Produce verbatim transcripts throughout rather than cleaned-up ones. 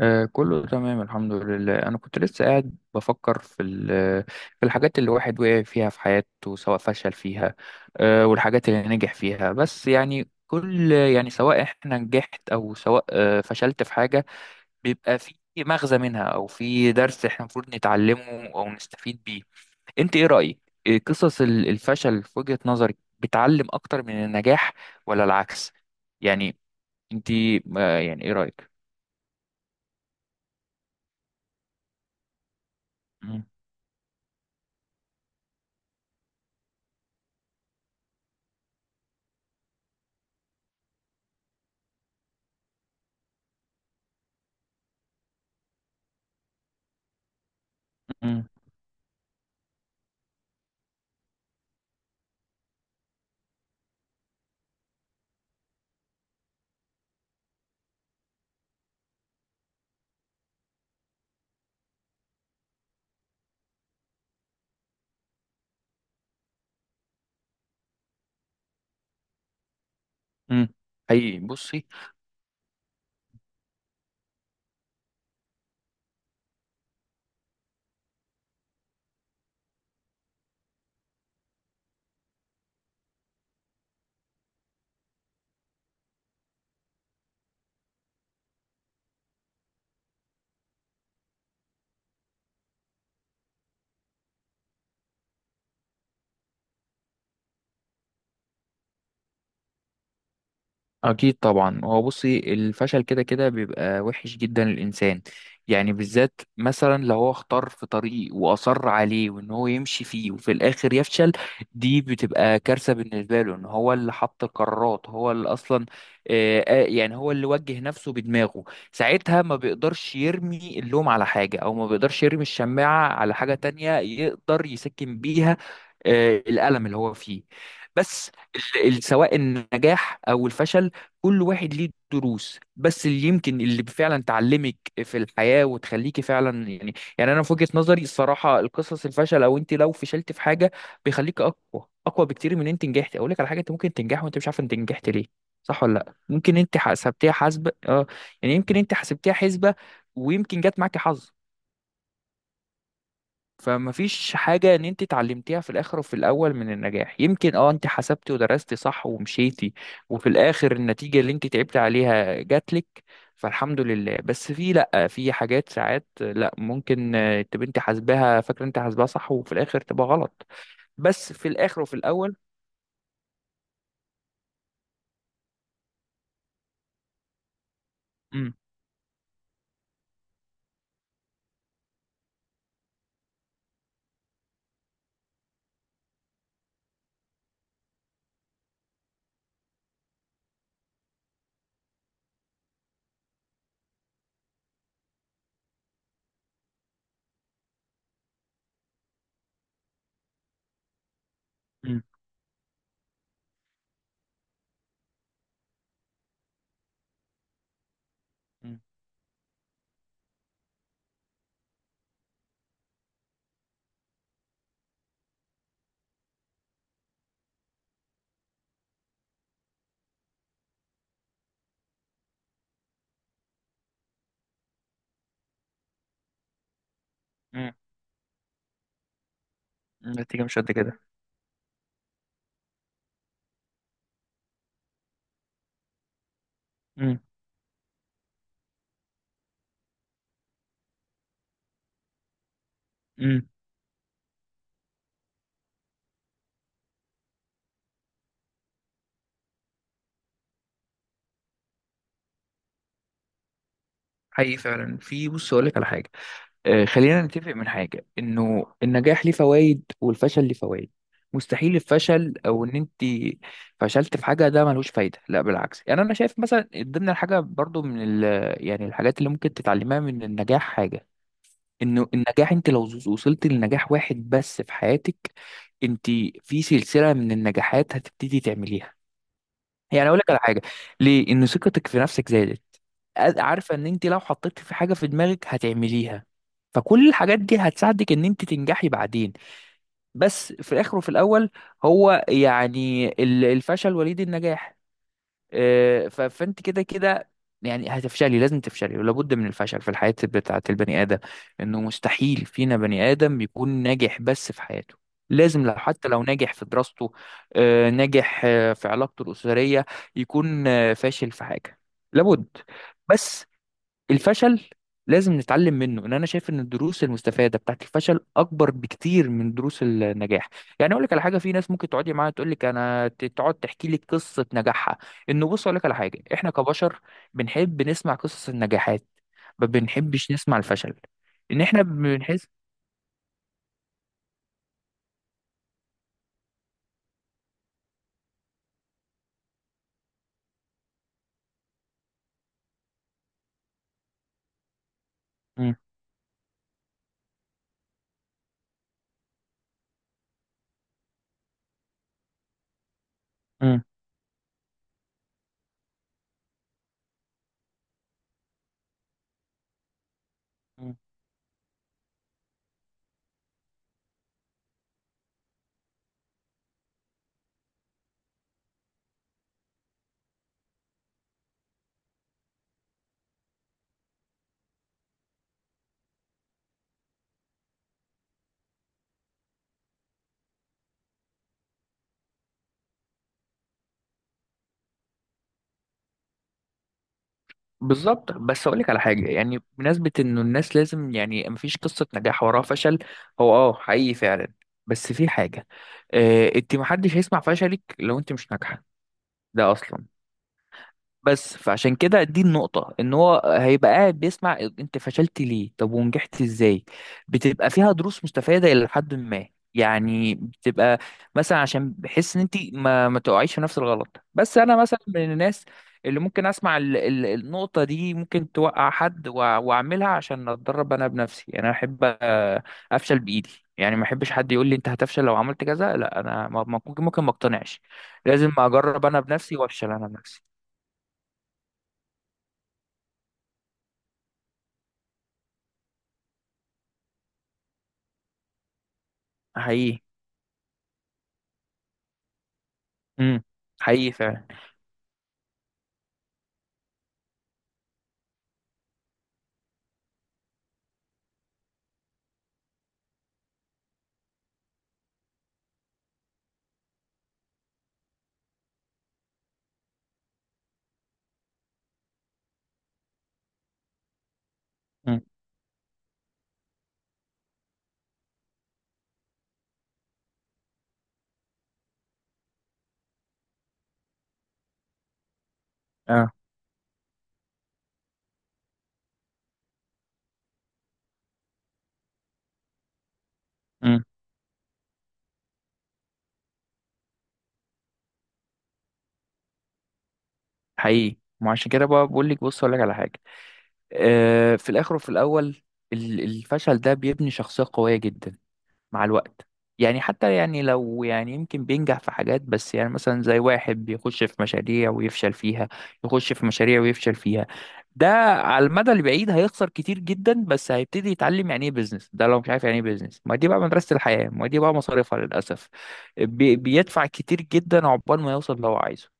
آه كله تمام الحمد لله، انا كنت لسه قاعد بفكر في ال- في الحاجات اللي الواحد وقع فيها في حياته، سواء فشل فيها آه والحاجات اللي نجح فيها. بس يعني كل يعني سواء احنا نجحت او سواء آه فشلت في حاجة، بيبقى في مغزى منها او في درس احنا المفروض نتعلمه او نستفيد بيه. انت ايه رأيك؟ إيه قصص ال- الفشل في وجهة نظرك، بتعلم اكتر من النجاح ولا العكس؟ يعني انت آه يعني ايه رأيك؟ مم. امم حقيقي بصي. أكيد طبعا، هو بصي الفشل كده كده بيبقى وحش جدا للإنسان. يعني بالذات مثلا لو هو اختار في طريق وأصر عليه وإن هو يمشي فيه وفي الآخر يفشل، دي بتبقى كارثة بالنسبة له، إن هو اللي حط القرارات، هو اللي أصلا آه، آه، يعني هو اللي وجه نفسه بدماغه. ساعتها ما بيقدرش يرمي اللوم على حاجة، أو ما بيقدرش يرمي الشماعة على حاجة تانية يقدر يسكن بيها آه، الألم اللي هو فيه. بس ال- ال- سواء النجاح أو الفشل، كل واحد ليه دروس. بس اللي يمكن اللي فعلا تعلمك في الحياة وتخليكي فعلا، يعني يعني انا في وجهة نظري الصراحة، القصص الفشل، او انت لو فشلت في حاجة بيخليك اقوى اقوى بكتير من انت نجحت. اقول لك على حاجة، انت ممكن تنجح وانت مش عارف انت نجحت ليه. صح ولا لا؟ ممكن انت حسبتيها حسبة اه، يعني يمكن انت حسبتيها حسبة، ويمكن جت معاكي حظ. فما فيش حاجة ان انت اتعلمتيها في الاخر وفي الاول من النجاح. يمكن اه انت حسبتي ودرستي صح ومشيتي، وفي الاخر النتيجة اللي انت تعبتي عليها جاتلك، فالحمد لله. بس في، لا، في حاجات ساعات لا ممكن آه، تبقى انت حاسباها، فاكرة انت حاسباها صح، وفي الاخر تبقى غلط. بس في الاخر وفي الاول. امم. امم. امم. النتيجة مش قد كده. امم. امم. حقيقي فعلا. في بص اقول لك على حاجة، آه، خلينا نتفق من حاجة، انه النجاح ليه فوائد والفشل ليه فوائد. مستحيل الفشل او ان انت فشلت في حاجة ده ملوش فايدة، لا بالعكس. يعني انا شايف مثلا ضمن الحاجة برضو من ال يعني الحاجات اللي ممكن تتعلمها من النجاح حاجة، انه النجاح انت لو وصلت لنجاح واحد بس في حياتك، انت في سلسلة من النجاحات هتبتدي تعمليها. يعني اقول لك على حاجة، ليه؟ ان ثقتك في نفسك زادت، عارفه ان انت لو حطيت في حاجه في دماغك هتعمليها، فكل الحاجات دي هتساعدك ان انت تنجحي بعدين. بس في الاخر وفي الاول، هو يعني ال- الفشل وليد النجاح. آه، ف- فانت كده كده يعني هتفشلي، لازم تفشلي، ولا بد من الفشل في الحياة بتاعة البني آدم. انه مستحيل فينا بني آدم بيكون ناجح بس في حياته. لازم، لو حتى لو ناجح في دراسته، آه، ناجح آه، في علاقته الأسرية، يكون آه، فاشل في حاجة. لابد. بس الفشل لازم نتعلم منه. ان انا شايف ان الدروس المستفاده بتاعت الفشل اكبر بكتير من دروس النجاح. يعني اقول لك على حاجه، في ناس ممكن تقعدي معاها تقول لك انا ت- تقعد تحكي لي قصه نجاحها، انه بص اقول لك على حاجه احنا كبشر بنحب نسمع قصص النجاحات، ما بنحبش نسمع الفشل، ان احنا بنحس. مم. مم. بالظبط. بس اقول لك على حاجه، يعني بمناسبه انه الناس لازم يعني مفيش قصه نجاح وراها فشل، هو اه حقيقي فعلا. بس في حاجه، آه، انت محدش هيسمع فشلك لو انت مش ناجحه ده اصلا. بس فعشان كده دي النقطة، ان هو هيبقى قاعد بيسمع انت فشلت ليه طب ونجحت ازاي، بتبقى فيها دروس مستفادة الى حد ما. يعني بتبقى مثلا عشان بحس ان انت ما ما تقعيش في نفس الغلط. بس انا مثلا من الناس اللي ممكن اسمع ال ال النقطة دي، ممكن توقع حد وأع- واعملها عشان اتدرب انا بنفسي. يعني انا احب آه، افشل بايدي. يعني ما احبش حد يقول لي انت هتفشل لو عملت كذا، لا انا ما- ممكن ممكن ما اقتنعش. لازم اجرب انا بنفسي وافشل انا بنفسي. حقيقي. امم. حقيقي فعلا. امم. اه. امم. حقيقي. ما عشان كده بقى بقول لك، بص اقول لك على حاجه، آه في الاخر وفي الاول ال- الفشل ده بيبني شخصيه قويه جدا مع الوقت. يعني حتى يعني لو يعني يمكن بينجح في حاجات، بس يعني مثلا زي واحد بيخش في مشاريع ويفشل فيها، يخش في مشاريع ويفشل فيها. ده على المدى البعيد هيخسر كتير جدا، بس هيبتدي يتعلم يعني ايه بيزنس ده لو مش عارف يعني ايه بيزنس. ما دي بقى مدرسة الحياة، ما دي بقى مصاريفها للأسف. بي بيدفع كتير جدا عقبال ما يوصل اللي هو عايزه.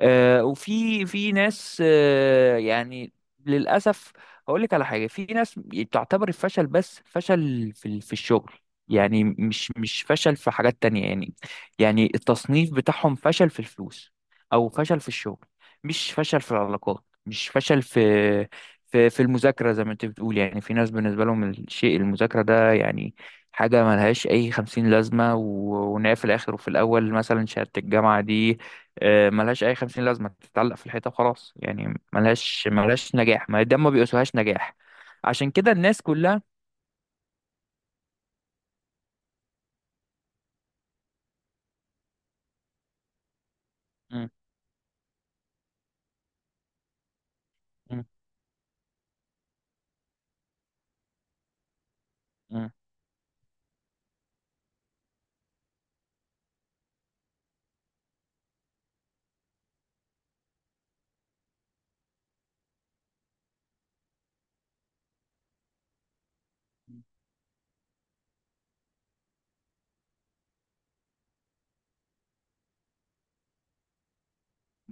آه، وفي في ناس آه، يعني للأسف، هقول لك على حاجة، في ناس بتعتبر الفشل بس فشل في ال- في الشغل. يعني مش مش فشل في حاجات تانية. يعني يعني التصنيف بتاعهم فشل في الفلوس أو فشل في الشغل. مش فشل في العلاقات، مش فشل في في في المذاكرة. زي ما أنت بتقول، يعني في ناس بالنسبة لهم الشيء المذاكرة ده يعني حاجة ملهاش أي خمسين لازمة، و- وإن هي في الآخر وفي الأول مثلا شهادة الجامعة دي آه، ملهاش اي خمسين لازمه، تتعلق في الحيطه وخلاص. يعني ملهاش، ملهاش نجاح. ما ده ما بيقاسوهاش نجاح عشان كده الناس كلها. مم. مم. مم.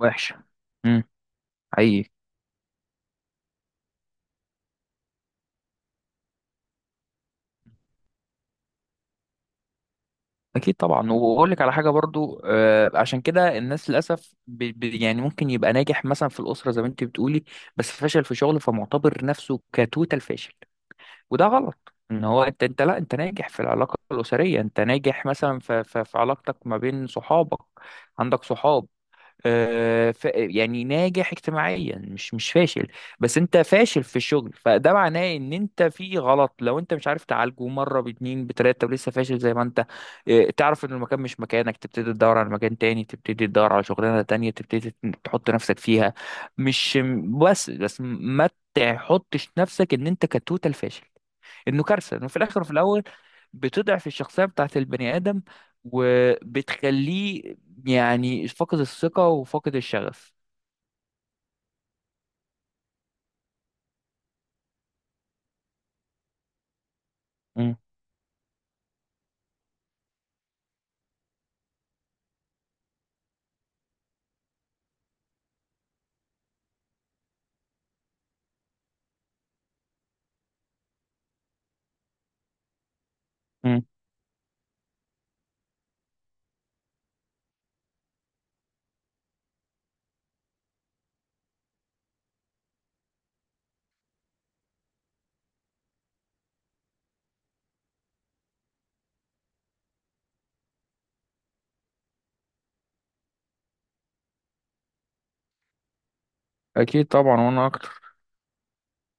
وحشه. مم. حقيقي. اكيد طبعا، واقول لك على حاجه برضو، آه، عشان كده الناس للاسف، ب- ب- يعني ممكن يبقى ناجح مثلا في الاسره زي ما انت بتقولي، بس فشل في شغله، فمعتبر نفسه كتوتال فاشل. وده غلط، ان هو انت انت لا انت ناجح في العلاقه الاسريه، انت ناجح مثلا في في في علاقتك ما بين صحابك. عندك صحاب، آه، ف- يعني ناجح اجتماعيا، مش مش فاشل. بس انت فاشل في الشغل، فده معناه ان انت في غلط. لو انت مش عارف تعالجه مره باتنين بتلاته ولسه فاشل زي ما انت آه، تعرف ان المكان مش مكانك، تبتدي تدور على مكان تاني، تبتدي تدور على شغلانه تانية، تبتدي تحط نفسك فيها. مش بس بس ما تحطش نفسك ان انت كتوتال فاشل. انه كارثه، انه في الاخر وفي الاول بتضعف الشخصيه بتاعت البني ادم، وبتخليه يعني فاقد الثقه وفاقد الشغف. مم. مم. اكيد طبعا، وانا اكتر.